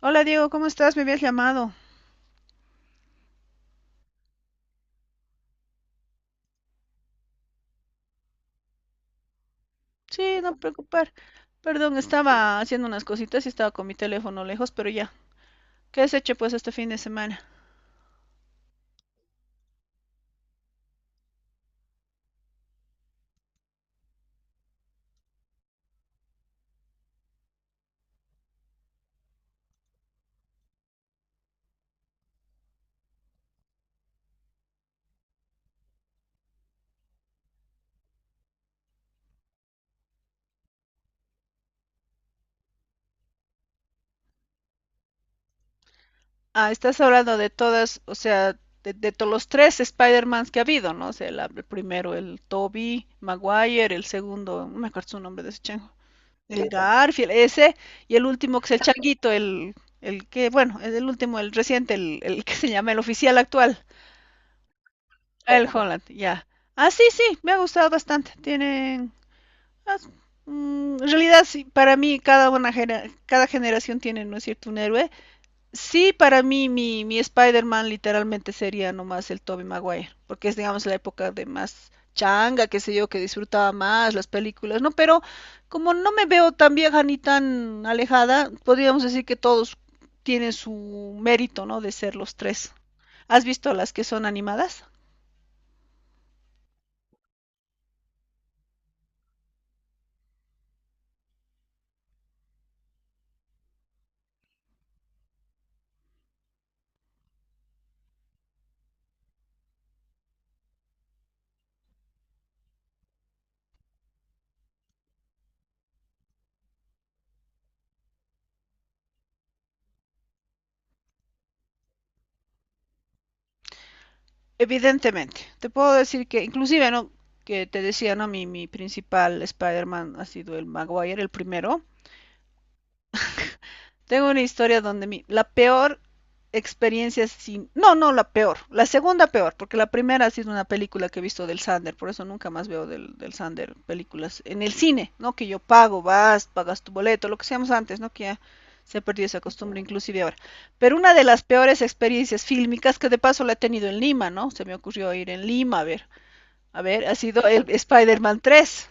Hola Diego, ¿cómo estás? Me habías llamado. Sí, no preocupar. Perdón, estaba haciendo unas cositas y estaba con mi teléfono lejos, pero ya. ¿Qué has hecho pues este fin de semana? Ah, estás hablando de todas, o sea, de todos los tres Spider-Mans que ha habido, ¿no? O sea, el primero, el Toby Maguire, el segundo, no me acuerdo su nombre de ese chango. El Garfield, ese, y el último que es el changuito, el que, bueno, es el último, el reciente, el que se llama el oficial actual. El Holland, ya. Ah, sí, sí, me ha gustado bastante. Tienen... ah, en realidad, sí, para mí cada generación tiene, ¿no es cierto?, un héroe. Sí, para mí mi Spider-Man literalmente sería nomás el Tobey Maguire, porque es, digamos, la época de más changa, qué sé yo, que disfrutaba más las películas, ¿no? Pero como no me veo tan vieja ni tan alejada, podríamos decir que todos tienen su mérito, ¿no?, de ser los tres. ¿Has visto las que son animadas? Evidentemente, te puedo decir que inclusive, ¿no? Que te decía, ¿no? Mi principal Spider-Man ha sido el Maguire, el primero. Tengo una historia donde mi, la peor experiencia sin... No, no, la peor. La segunda peor, porque la primera ha sido una película que he visto del Sander, por eso nunca más veo del Sander películas en el cine, ¿no? Que yo pago, vas, pagas tu boleto, lo que hacíamos antes, ¿no? Que ya se ha perdido esa costumbre inclusive ahora. Pero una de las peores experiencias fílmicas que de paso la he tenido en Lima, ¿no? Se me ocurrió ir en Lima a ver. A ver, ha sido el Spider-Man 3.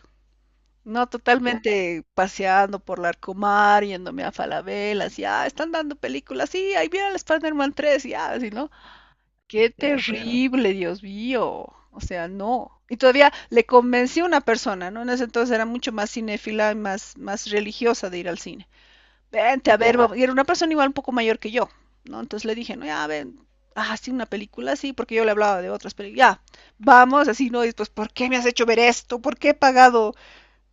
No, totalmente paseando por Larcomar, yéndome a Falabella, así, ah, están dando películas, sí, ahí viene el Spider-Man 3, ya, así, ¿no? Qué terrible, Dios mío. O sea, no. Y todavía le convencí a una persona, ¿no? En ese entonces era mucho más cinéfila y más religiosa de ir al cine vente a ver, vamos". Y era una persona igual un poco mayor que yo, ¿no? Entonces le dije, no, ya, ven, ah, sí, una película, sí, porque yo le hablaba de otras películas, ya, vamos, así, ¿no? Y pues, ¿por qué me has hecho ver esto? ¿Por qué he pagado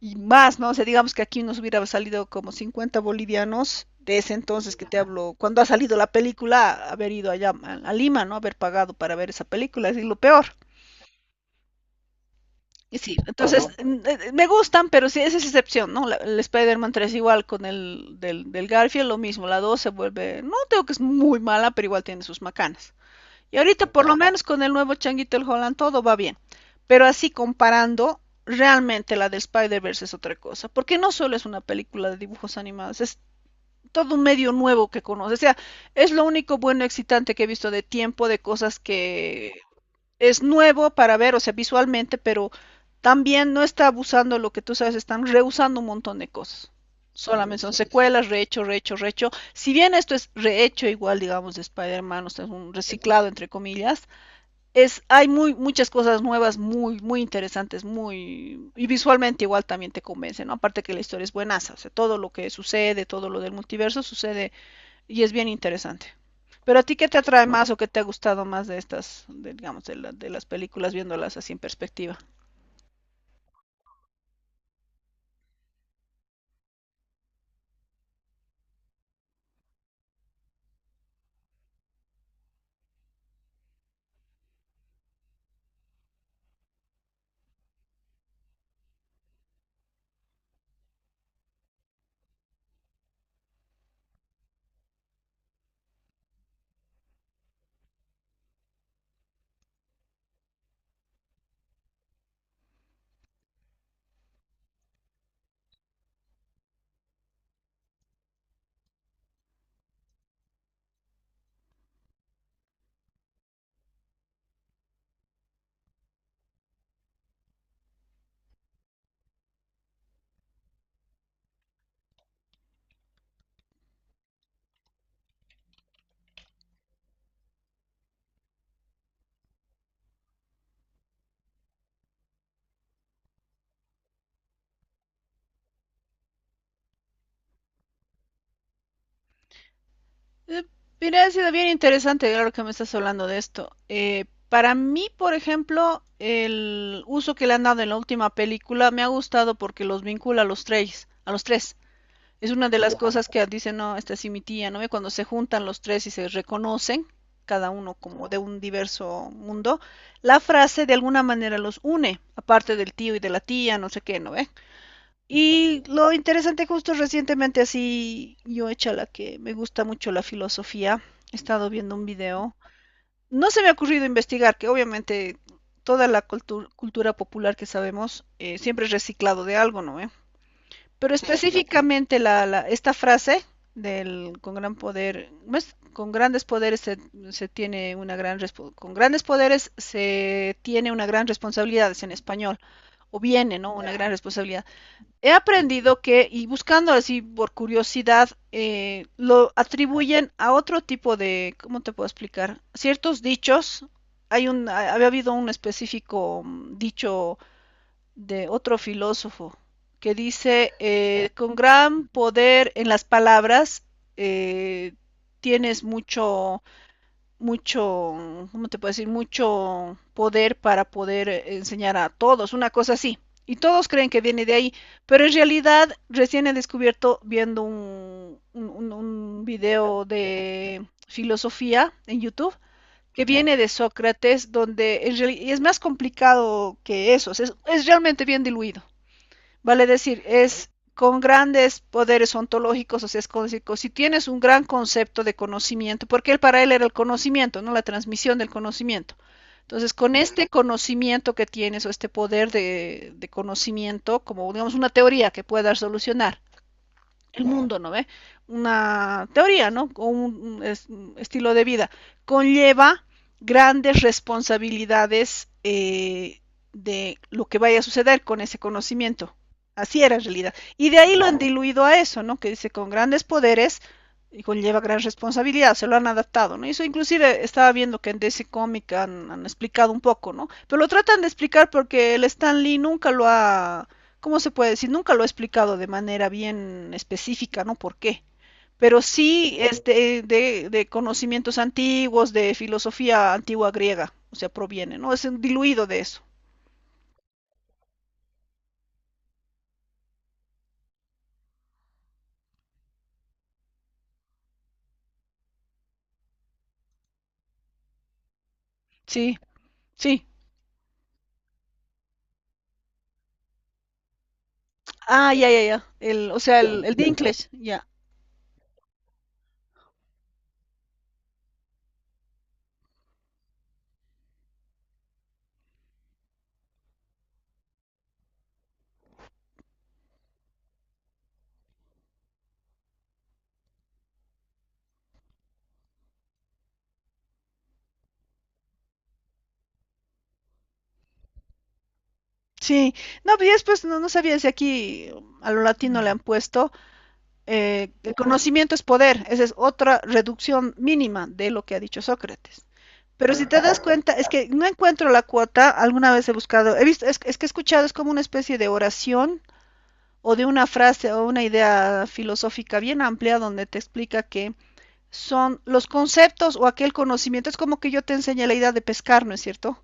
y más, ¿no? O sea, digamos que aquí nos hubiera salido como 50 bolivianos de ese entonces que te hablo, cuando ha salido la película, haber ido allá a Lima, ¿no? Haber pagado para ver esa película, es lo peor. Y sí, entonces, ¿no? Me gustan, pero sí, esa es excepción, ¿no? La, el Spider-Man 3 igual con el Garfield, lo mismo, la 2 se vuelve, no digo que es muy mala, pero igual tiene sus macanas. Y ahorita por lo menos con el nuevo changuito el Holland todo va bien, pero así comparando, realmente la del Spider-Verse es otra cosa, porque no solo es una película de dibujos animados, es todo un medio nuevo que conoces, o sea, es lo único bueno excitante que he visto de tiempo, de cosas que es nuevo para ver, o sea, visualmente, pero también no está abusando lo que tú sabes, están reusando un montón de cosas. Solamente son secuelas, rehecho, rehecho, rehecho. Si bien esto es rehecho igual, digamos, de Spider-Man, o sea, es un reciclado, entre comillas, es, hay muy, muchas cosas nuevas, muy, muy interesantes, muy, y visualmente igual también te convence, ¿no? Aparte que la historia es buenaza, o sea, todo lo que sucede, todo lo del multiverso sucede y es bien interesante. Pero a ti, ¿qué te atrae más o qué te ha gustado más de estas, de, digamos, de, de las películas viéndolas así en perspectiva? Eh, mira, ha sido bien interesante, claro que me estás hablando de esto. Para mí, por ejemplo, el uso que le han dado en la última película me ha gustado porque los vincula a los tres, a los tres. Es una de las Wow. Cosas que dice, no, esta sí mi tía, ¿no ve? Cuando se juntan los tres y se reconocen, cada uno como de un diverso mundo, la frase de alguna manera los une, aparte del tío y de la tía, no sé qué, ¿no ve? Y lo interesante, justo recientemente así, yo hecha la que me gusta mucho la filosofía, he estado viendo un video, no se me ha ocurrido investigar, que obviamente toda la cultura popular que sabemos siempre es reciclado de algo, ¿no ve? Pero específicamente esta frase del con gran poder, ¿cómo con grandes poderes se, se tiene una gran con grandes poderes se tiene una gran responsabilidad, es en español, o viene, ¿no? Una gran responsabilidad. He aprendido que, y buscando así por curiosidad, lo atribuyen a otro tipo de, ¿cómo te puedo explicar? Ciertos dichos. Hay un, había habido un específico dicho de otro filósofo que dice, con gran poder en las palabras eh, tienes mucho, ¿cómo te puedo decir? Mucho poder para poder enseñar a todos, una cosa así. Y todos creen que viene de ahí, pero en realidad recién he descubierto viendo un video de filosofía en YouTube que viene de Sócrates, donde y es más complicado que eso, es realmente bien diluido. Vale decir, es con grandes poderes ontológicos, o sea, es como decir, si tienes un gran concepto de conocimiento, porque él para él era el conocimiento, no la transmisión del conocimiento. Entonces, con este conocimiento que tienes o este poder de conocimiento, como digamos una teoría que puedas solucionar, el mundo, ¿no ve? Una teoría, ¿no? O un, un estilo de vida. Conlleva grandes responsabilidades de lo que vaya a suceder con ese conocimiento. Así era en realidad. Y de ahí lo han diluido a eso, ¿no? Que dice con grandes poderes y conlleva gran responsabilidad, se lo han adaptado, ¿no? Y eso inclusive estaba viendo que en DC Comic han explicado un poco, ¿no? Pero lo tratan de explicar porque el Stan Lee nunca lo ha ¿cómo se puede decir? Nunca lo he explicado de manera bien específica, ¿no? ¿Por qué? Pero sí este, de conocimientos antiguos, de filosofía antigua griega, o sea, proviene, ¿no? Es un diluido de eso. Sí, sí. Ah, ya, ya, ya. El, o sea, el Dinklage, ya. Sí, no, pero después no, no sabía si aquí a lo latino le han puesto, el conocimiento es poder, esa es otra reducción mínima de lo que ha dicho Sócrates. Pero si te das cuenta, es que no encuentro la cuota, alguna vez he buscado, he visto, es que he escuchado, es como una especie de oración o de una frase o una idea filosófica bien amplia donde te explica que son los conceptos o aquel conocimiento, es como que yo te enseñé la idea de pescar, ¿no es cierto?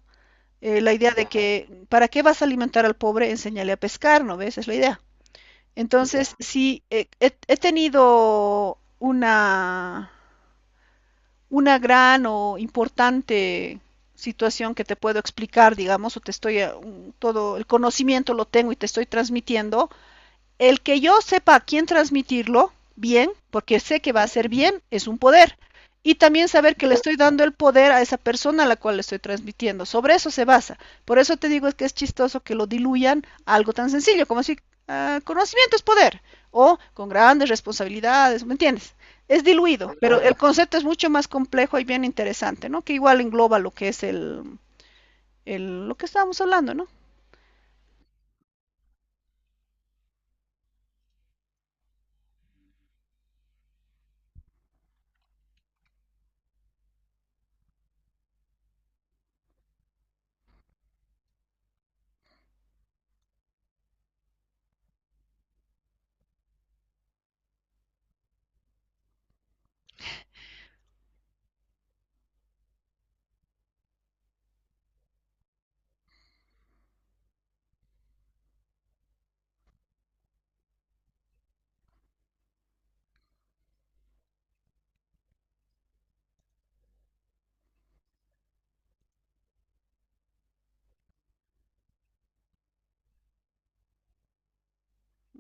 La idea de que, ¿para qué vas a alimentar al pobre? Enseñale a pescar, ¿no ves? Es la idea. Entonces, sí, he tenido una gran o importante situación que te puedo explicar, digamos, o te estoy, todo el conocimiento lo tengo y te estoy transmitiendo, el que yo sepa a quién transmitirlo, bien, porque sé que va a ser bien, es un poder. Y también saber que le estoy dando el poder a esa persona a la cual le estoy transmitiendo. Sobre eso se basa. Por eso te digo es que es chistoso que lo diluyan a algo tan sencillo como si conocimiento es poder o con grandes responsabilidades, ¿me entiendes? Es diluido, pero el concepto es mucho más complejo y bien interesante, ¿no? Que igual engloba lo que es el lo que estábamos hablando, ¿no?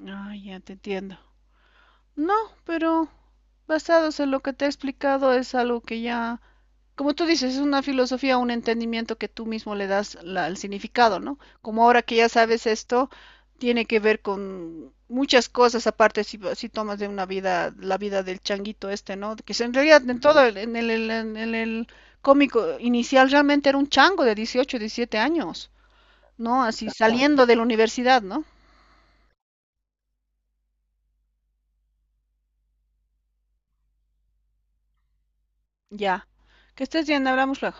Ay, ya te entiendo. No, pero basados en lo que te he explicado es algo que ya, como tú dices, es una filosofía, un entendimiento que tú mismo le das el significado, ¿no? Como ahora que ya sabes esto, tiene que ver con muchas cosas, aparte si, si tomas de una vida, la vida del changuito este, ¿no? En realidad en todo, en el cómico inicial realmente era un chango de 18, 17 años, ¿no? Así ajá. Saliendo de la universidad, ¿no? Ya. Que estés bien, hablamos luego.